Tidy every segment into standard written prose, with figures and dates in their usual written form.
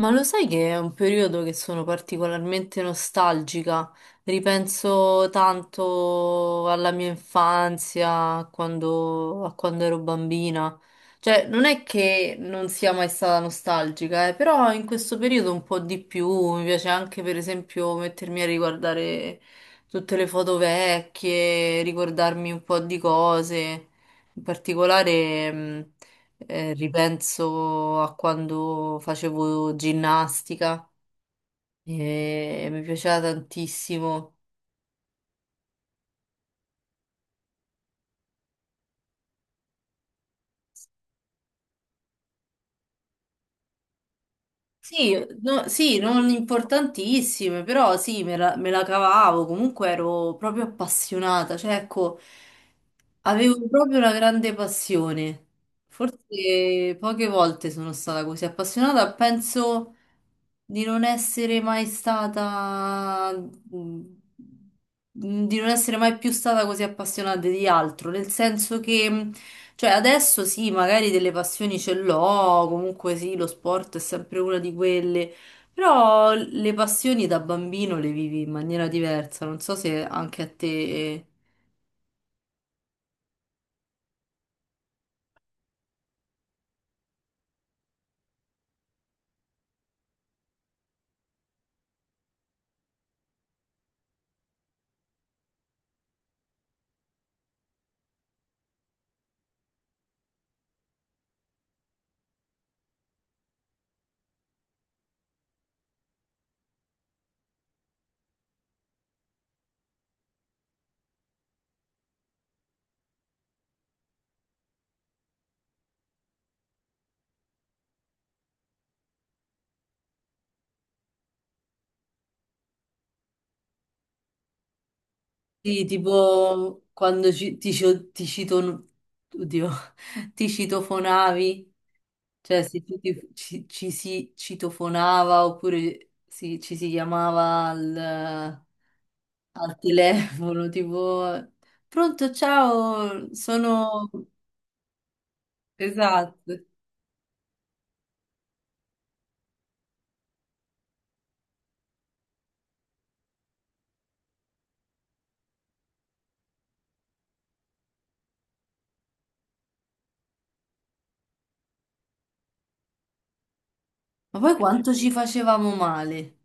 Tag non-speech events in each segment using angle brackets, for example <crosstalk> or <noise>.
Ma lo sai che è un periodo che sono particolarmente nostalgica? Ripenso tanto alla mia infanzia, a quando ero bambina. Cioè, non è che non sia mai stata nostalgica, però in questo periodo un po' di più. Mi piace anche, per esempio, mettermi a riguardare tutte le foto vecchie, ricordarmi un po' di cose. In particolare. Ripenso a quando facevo ginnastica e mi piaceva tantissimo. Sì, sì, non importantissime, però sì, me la cavavo, comunque ero proprio appassionata, cioè ecco, avevo proprio una grande passione. Forse poche volte sono stata così appassionata, penso di non essere mai stata, mhmm, di non essere mai più stata così appassionata di altro, nel senso che... cioè, adesso sì, magari delle passioni ce l'ho, comunque sì, lo sport è sempre una di quelle, però le passioni da bambino le vivi in maniera diversa, non so se anche a te... Sì, tipo quando ti... Oddio, <laughs> ti citofonavi, cioè se tu ci si citofonava oppure ci si chiamava al telefono, tipo... Pronto, ciao, sono... Esatto. Ma poi quanto ci facevamo male?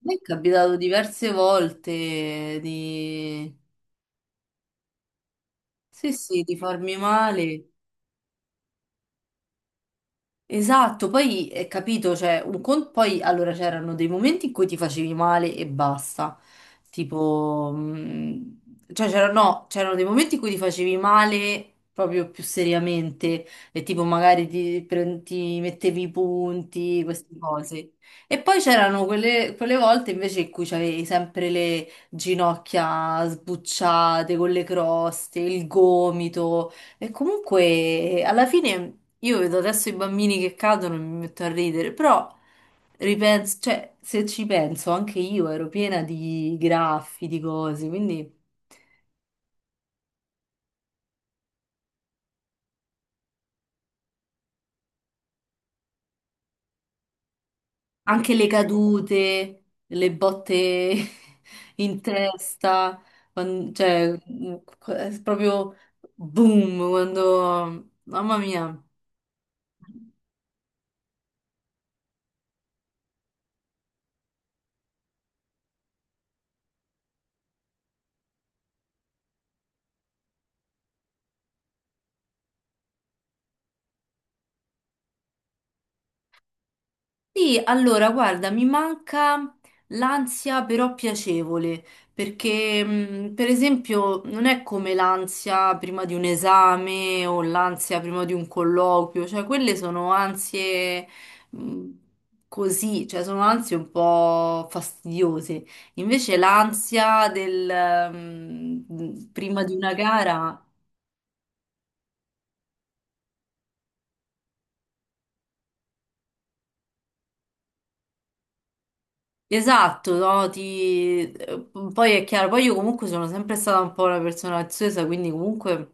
Mi è capitato diverse volte di... Sì, sì, di farmi male. Esatto, poi capito, cioè, poi allora c'erano dei momenti in cui ti facevi male e basta, tipo, cioè c'erano no, c'erano dei momenti in cui ti facevi male proprio più seriamente e tipo magari ti mettevi i punti, queste cose. E poi c'erano quelle volte invece in cui c'avevi sempre le ginocchia sbucciate con le croste, il gomito. E comunque, alla fine, io vedo adesso i bambini che cadono e mi metto a ridere, però ripenso, cioè, se ci penso, anche io ero piena di graffi, di cose, quindi anche le cadute, le botte <laughs> in testa, cioè, è proprio boom, quando... Mamma mia. Sì, allora, guarda, mi manca l'ansia però piacevole, perché per esempio non è come l'ansia prima di un esame o l'ansia prima di un colloquio, cioè quelle sono ansie mh, così, cioè sono ansie un po' fastidiose. Invece l'ansia del prima di una gara. Esatto, no, ti... Poi è chiaro, poi io comunque sono sempre stata un po' una persona ansiosa, quindi comunque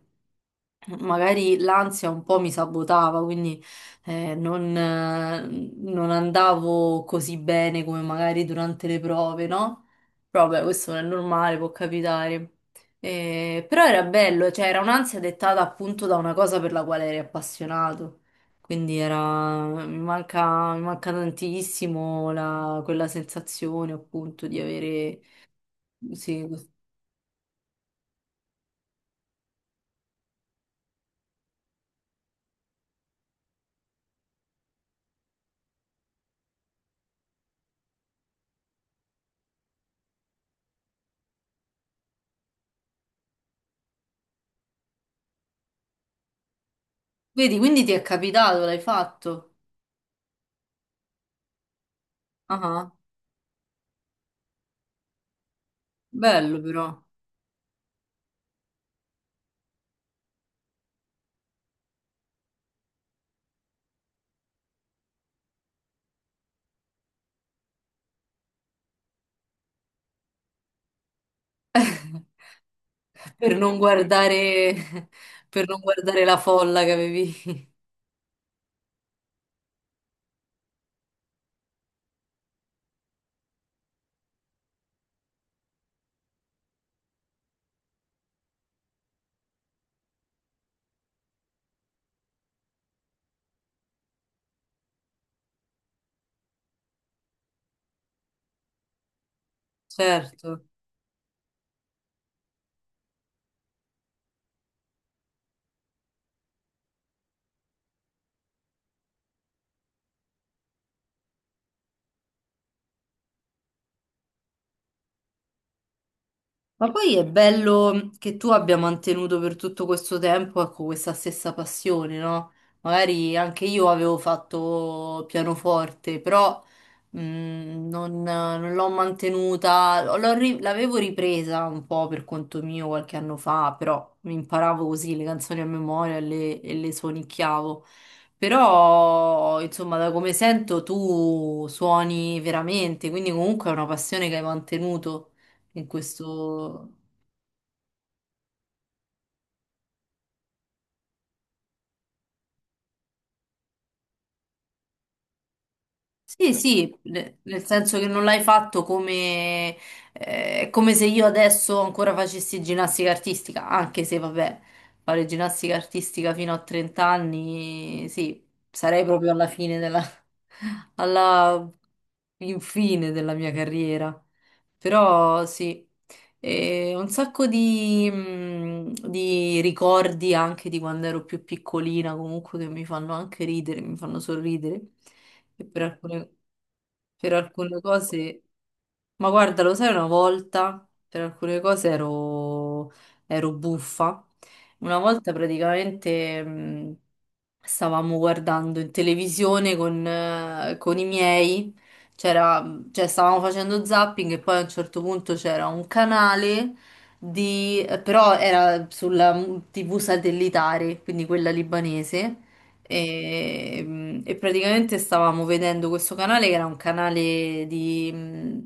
magari l'ansia un po' mi sabotava, quindi eh, non, eh, non andavo così bene come magari durante le prove, no? Però vabbè, questo non è normale, può capitare. Però era bello, cioè era un'ansia dettata appunto da una cosa per la quale eri appassionato. Quindi era, mi manca tantissimo quella sensazione appunto di avere... sì, vedi, quindi ti è capitato, l'hai fatto? Ah, ah, bello però. Per non guardare, <laughs> per non guardare la folla che avevi. <laughs> Certo. Ma poi è bello che tu abbia mantenuto per tutto questo tempo, ecco, questa stessa passione, no? Magari anche io avevo fatto pianoforte, però mh, non l'ho mantenuta, l'avevo ripresa un po' per conto mio qualche anno fa, però mi imparavo così le canzoni a memoria e e le suonicchiavo. Però, insomma, da come sento tu suoni veramente, quindi comunque è una passione che hai mantenuto in questo... Sì, sì, nel senso che non l'hai fatto come, è come se io adesso ancora facessi ginnastica artistica, anche se vabbè, fare ginnastica artistica fino a 30 anni, sì, sarei proprio alla fine della, <laughs> alla infine della mia carriera. Però sì. E un sacco di ricordi anche di quando ero più piccolina, comunque che mi fanno anche ridere, mi fanno sorridere. E per per alcune cose, ma guarda, lo sai, una volta per alcune cose ero, ero buffa. Una volta praticamente stavamo guardando in televisione con i miei. C'era cioè stavamo facendo zapping e poi a un certo punto c'era un canale di, però era sulla TV satellitare, quindi quella libanese, e, e praticamente stavamo vedendo questo canale che era un canale di,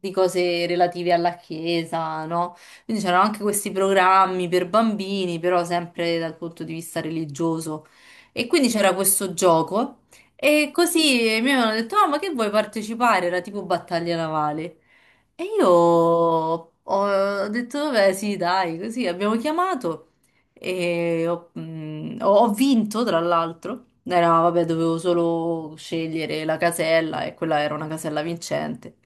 di cose relative alla chiesa, no? Quindi c'erano anche questi programmi per bambini, però sempre dal punto di vista religioso. E quindi c'era questo gioco. E così mi avevano detto, ah, ma che vuoi partecipare? Era tipo battaglia navale. E io ho detto, vabbè, sì, dai, così abbiamo chiamato e ho vinto, tra l'altro. Era, vabbè, dovevo solo scegliere la casella e quella era una casella vincente.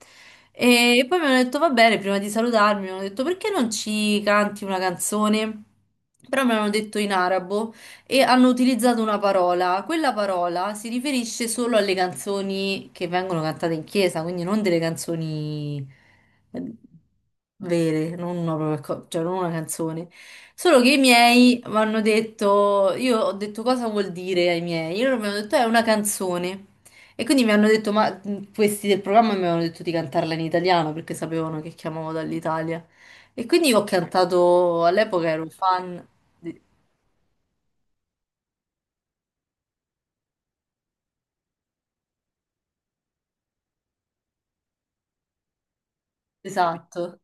E poi mi hanno detto, va bene, prima di salutarmi, mi hanno detto, perché non ci canti una canzone? Però mi hanno detto in arabo e hanno utilizzato una parola. Quella parola si riferisce solo alle canzoni che vengono cantate in chiesa, quindi non delle canzoni eh, vere, non una, propria co- cioè non una canzone. Solo che i miei mi hanno detto, io ho detto cosa vuol dire ai miei, e loro mi hanno detto è una canzone. E quindi mi hanno detto, ma questi del programma mi avevano detto di cantarla in italiano perché sapevano che chiamavo dall'Italia. E quindi ho cantato, all'epoca ero fan, di- esatto.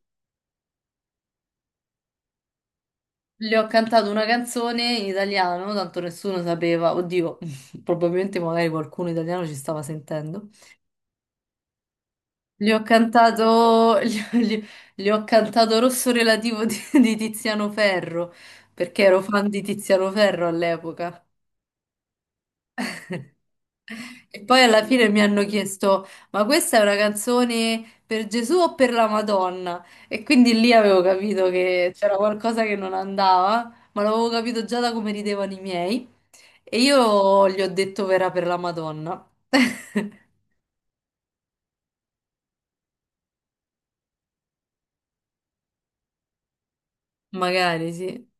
Le ho cantato una canzone in italiano, tanto nessuno sapeva, oddio, <laughs> probabilmente magari qualcuno italiano ci stava sentendo. Le ho cantato, <laughs> le, le ho cantato Rosso Relativo di Tiziano Ferro, perché ero fan di Tiziano Ferro all'epoca. E poi alla fine mi hanno chiesto, ma questa è una canzone per Gesù o per la Madonna? E quindi lì avevo capito che c'era qualcosa che non andava, ma l'avevo capito già da come ridevano i miei. E io gli ho detto verrà per la Madonna. <laughs> Magari sì.